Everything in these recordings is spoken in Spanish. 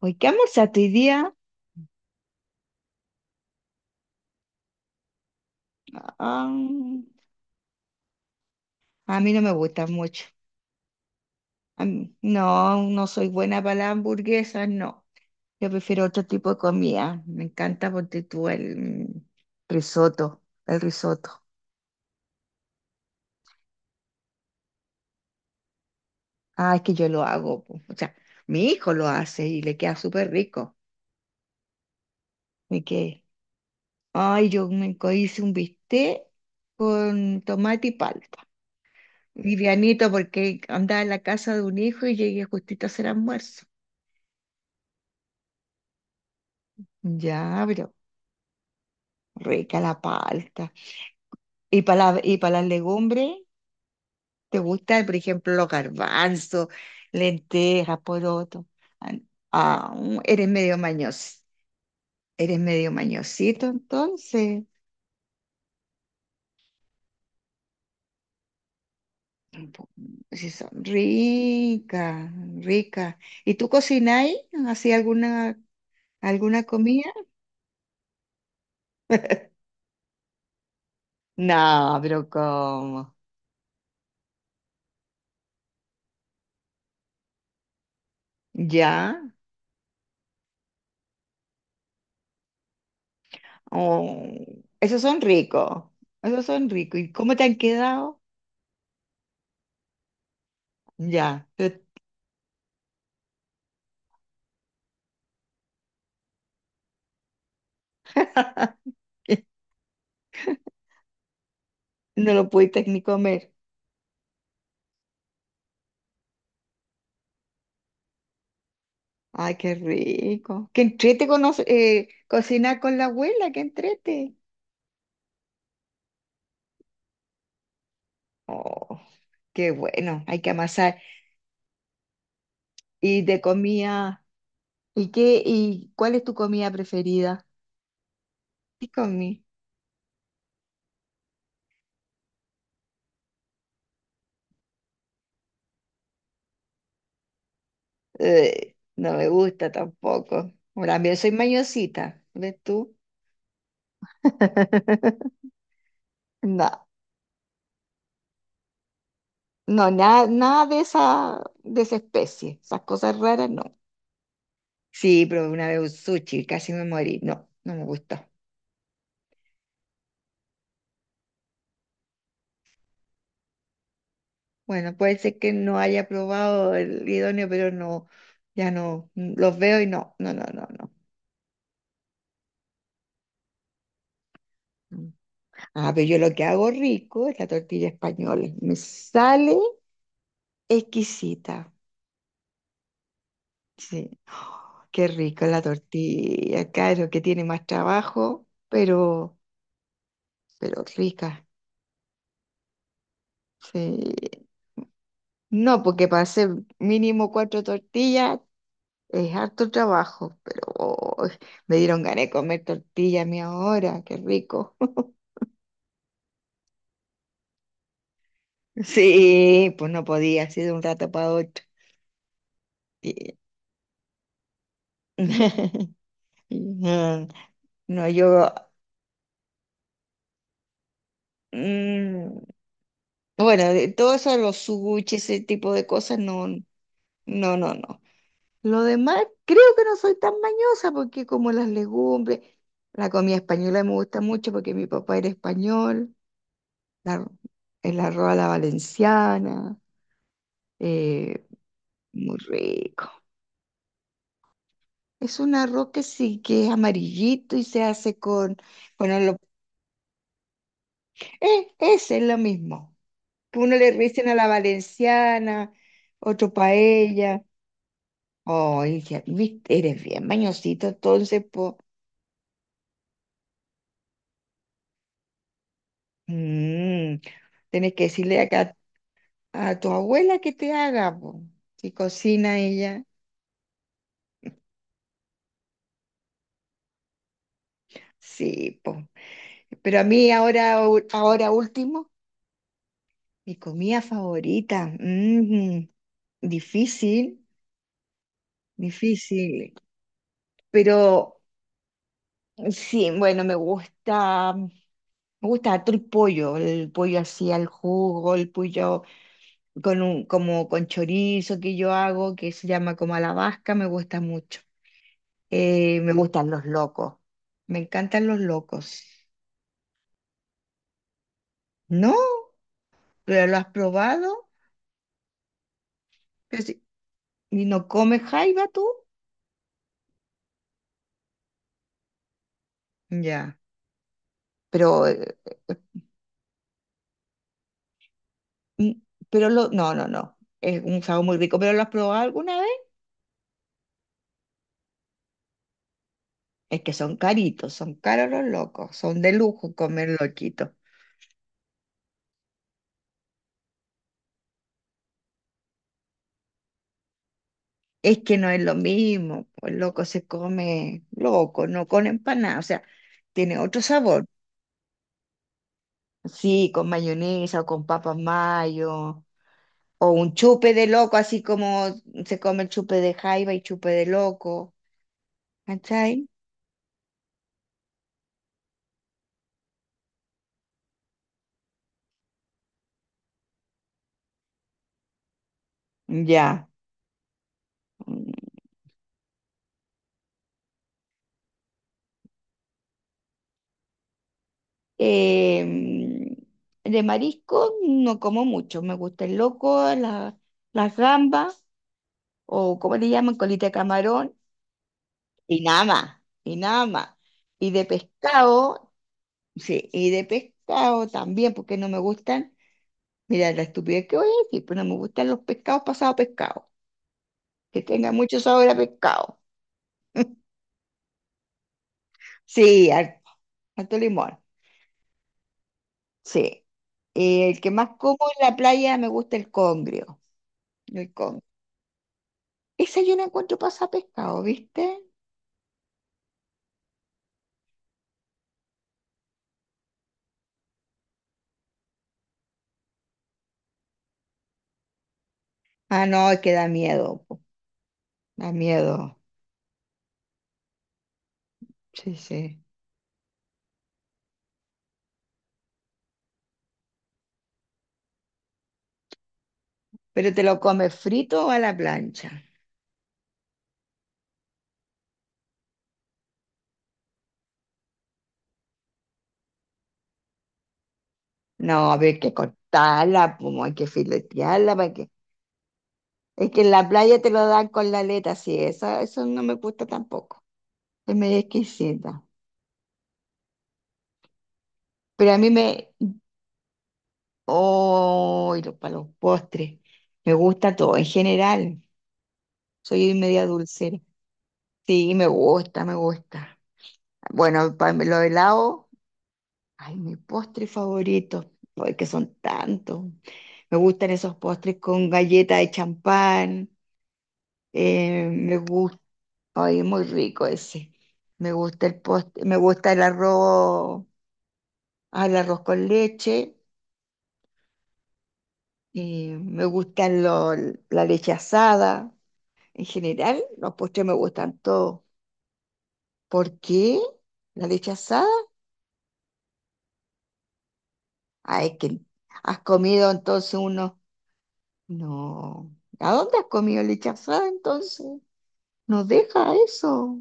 ¿Hoy qué almorzaste hoy día? Ah, a mí no me gusta mucho. A mí, no, no soy buena para las hamburguesas, no. Yo prefiero otro tipo de comida. Me encanta porque tú el mm, risotto, el risotto. Ah, es que yo lo hago, po. O sea, mi hijo lo hace y le queda súper rico. Y que, ay, hice un bistec con tomate y palta. Livianito porque andaba en la casa de un hijo y llegué justito a hacer almuerzo. Ya, pero rica la palta. Y para y para las legumbres, ¿te gusta, por ejemplo, los garbanzos, lentejas, poroto? Ah, ah, mm, eres medio mañoso. Eres medio mañosito, entonces. Po- Sí, son ricas, ricas. ¿Y tú cocináis? ¿Hacías alguna comida? No, pero ¿cómo? ¿Ya? Oh, esos son ricos. Esos son ricos. ¿Y cómo te han quedado? Ya. Pero no lo pudiste ni comer. Ay, qué rico, qué entrete con cocinar con la abuela, qué entrete. Oh, qué bueno, hay que amasar. Y de comida, ¿y cuál es tu comida preferida? ¿Qué comí? No me gusta tampoco. También soy mañosita, ¿ves tú? No, no, nada, nada de esa, de esa especie. Esas cosas raras, no. Sí, probé una vez un sushi, casi me morí. No, no me gustó. Bueno, puede ser que no haya probado el idóneo, pero no, ya no, los veo y no, no, no, no, no. Mm. Ah, pero yo lo que hago rico es la tortilla española. Me sale exquisita. Sí. Oh, qué rico la tortilla, claro, que tiene más trabajo, pero rica. Sí. No, porque para hacer mínimo cuatro tortillas es harto trabajo, pero oh, me dieron ganas de comer tortilla a mí ahora, qué rico. Sí, pues no podía, así de un rato para otro. Y- No, no, yo, mm, bueno, de todo eso de los sushi, ese tipo de cosas, no, no, no, no. Lo demás, creo que no soy tan mañosa porque como las legumbres, la comida española me gusta mucho porque mi papá era español, la- el arroz a la valenciana, eh, muy rico. Es un arroz que sí, que es amarillito y se hace con... Bueno, eh, ese es lo mismo. Que uno le dicen a la valenciana, otro paella. Oh, viste, eres bien mañosito, entonces, po. Mm, tienes que decirle acá a tu abuela que te haga, po. Si cocina ella. Sí, po. Pero a mí ahora, ahora último, mi comida favorita, mm, difícil, difícil. Pero sí, bueno, me gusta. Me gusta harto el pollo así al jugo, el pollo con un, como con chorizo que yo hago, que se llama como a la vasca, me gusta mucho. Me gustan los locos, me encantan los locos. ¿No? ¿Pero lo has probado? Pero si- ¿Y no comes jaiba tú? Ya, pero, mm, pero lo, no, no, no, es un sabor muy rico, ¿pero lo has probado alguna vez? Es que son caritos, son caros los locos, son de lujo comer loquitos. Es que no es lo mismo, pues loco se come loco, no con empanada, o sea, tiene otro sabor. Sí, con mayonesa o con papas mayo, o un chupe de loco, así como se come el chupe de jaiba y chupe de loco, ¿cachai? Ya. Mm, em, de marisco no como mucho, me gusta el loco, las gambas, o como le llaman, colita de camarón, y nada más, y nada más. Y de pescado, sí, y de pescado también, porque no me gustan. Mira, la estupidez que voy a decir, pues no me gustan los pescados pasados a pescado que tengan mucho sabor a pescado. Sí, harto, harto limón. Sí. El que más como en la playa me gusta el congrio. El congrio. Esa yo la encuentro pasada a pescado, ¿viste? Ah, no, es que da miedo, po. Da miedo. Sí, sí. Pero te lo comes frito o a la plancha. No, a ver, hay que cortarla, como hay que filetearla. Es que en la playa te lo dan con la aleta, sí, eso no me gusta tampoco. Es medio exquisita. Pero a mí me... Oh, y los, para los postres. Me gusta todo, en general. Soy media dulcera. Sí, me gusta, me gusta. Bueno, para lo helado, ay, mi postre favorito, porque son tantos. Me gustan esos postres con galleta de champán, me gusta, ay, es muy rico ese. Me gusta el postre, me gusta el arroz al arroz con leche, me gustan la leche asada. En general, los postres me gustan todos. ¿Por qué? ¿La leche asada? Ah, es que has comido entonces uno. No. ¿A dónde has comido leche asada entonces? Nos deja eso.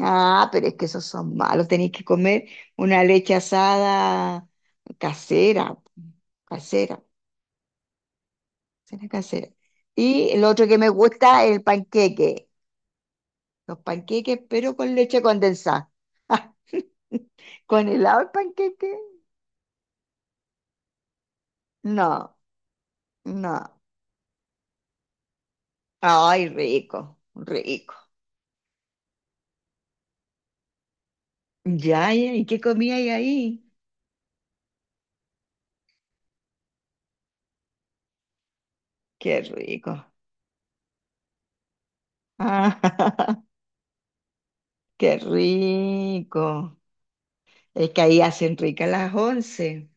Ah, pero es que esos son malos. Tenéis que comer una leche asada casera. Casera, casera, casera. Y el otro que me gusta es el panqueque. Los panqueques, pero con leche condensada. ¿Con helado el panqueque? No, no. Ay, rico, rico. Ya, ya, ¿y qué comía hay ahí? Qué rico. Ah, qué rico. Es que ahí hacen ricas las once.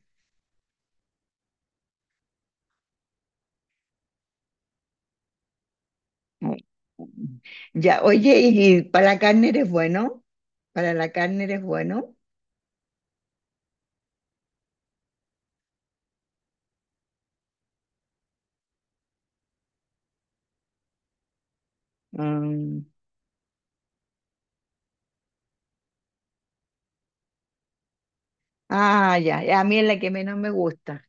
Mm. Ya, oye, ¿y para la carne eres bueno? ¿Para la carne eres bueno? Mm. Ah, ya, ya, a mí es la que menos me gusta.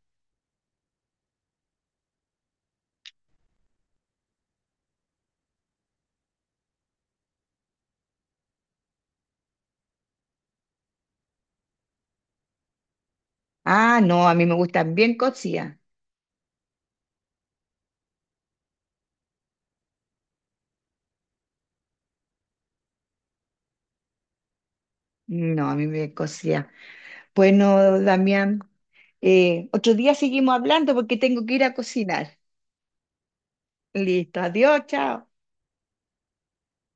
Ah, no, a mí me gustan bien cocidas. No, a mí me cosía. Bueno, Damián, otro día seguimos hablando porque tengo que ir a cocinar. Listo, adiós, chao.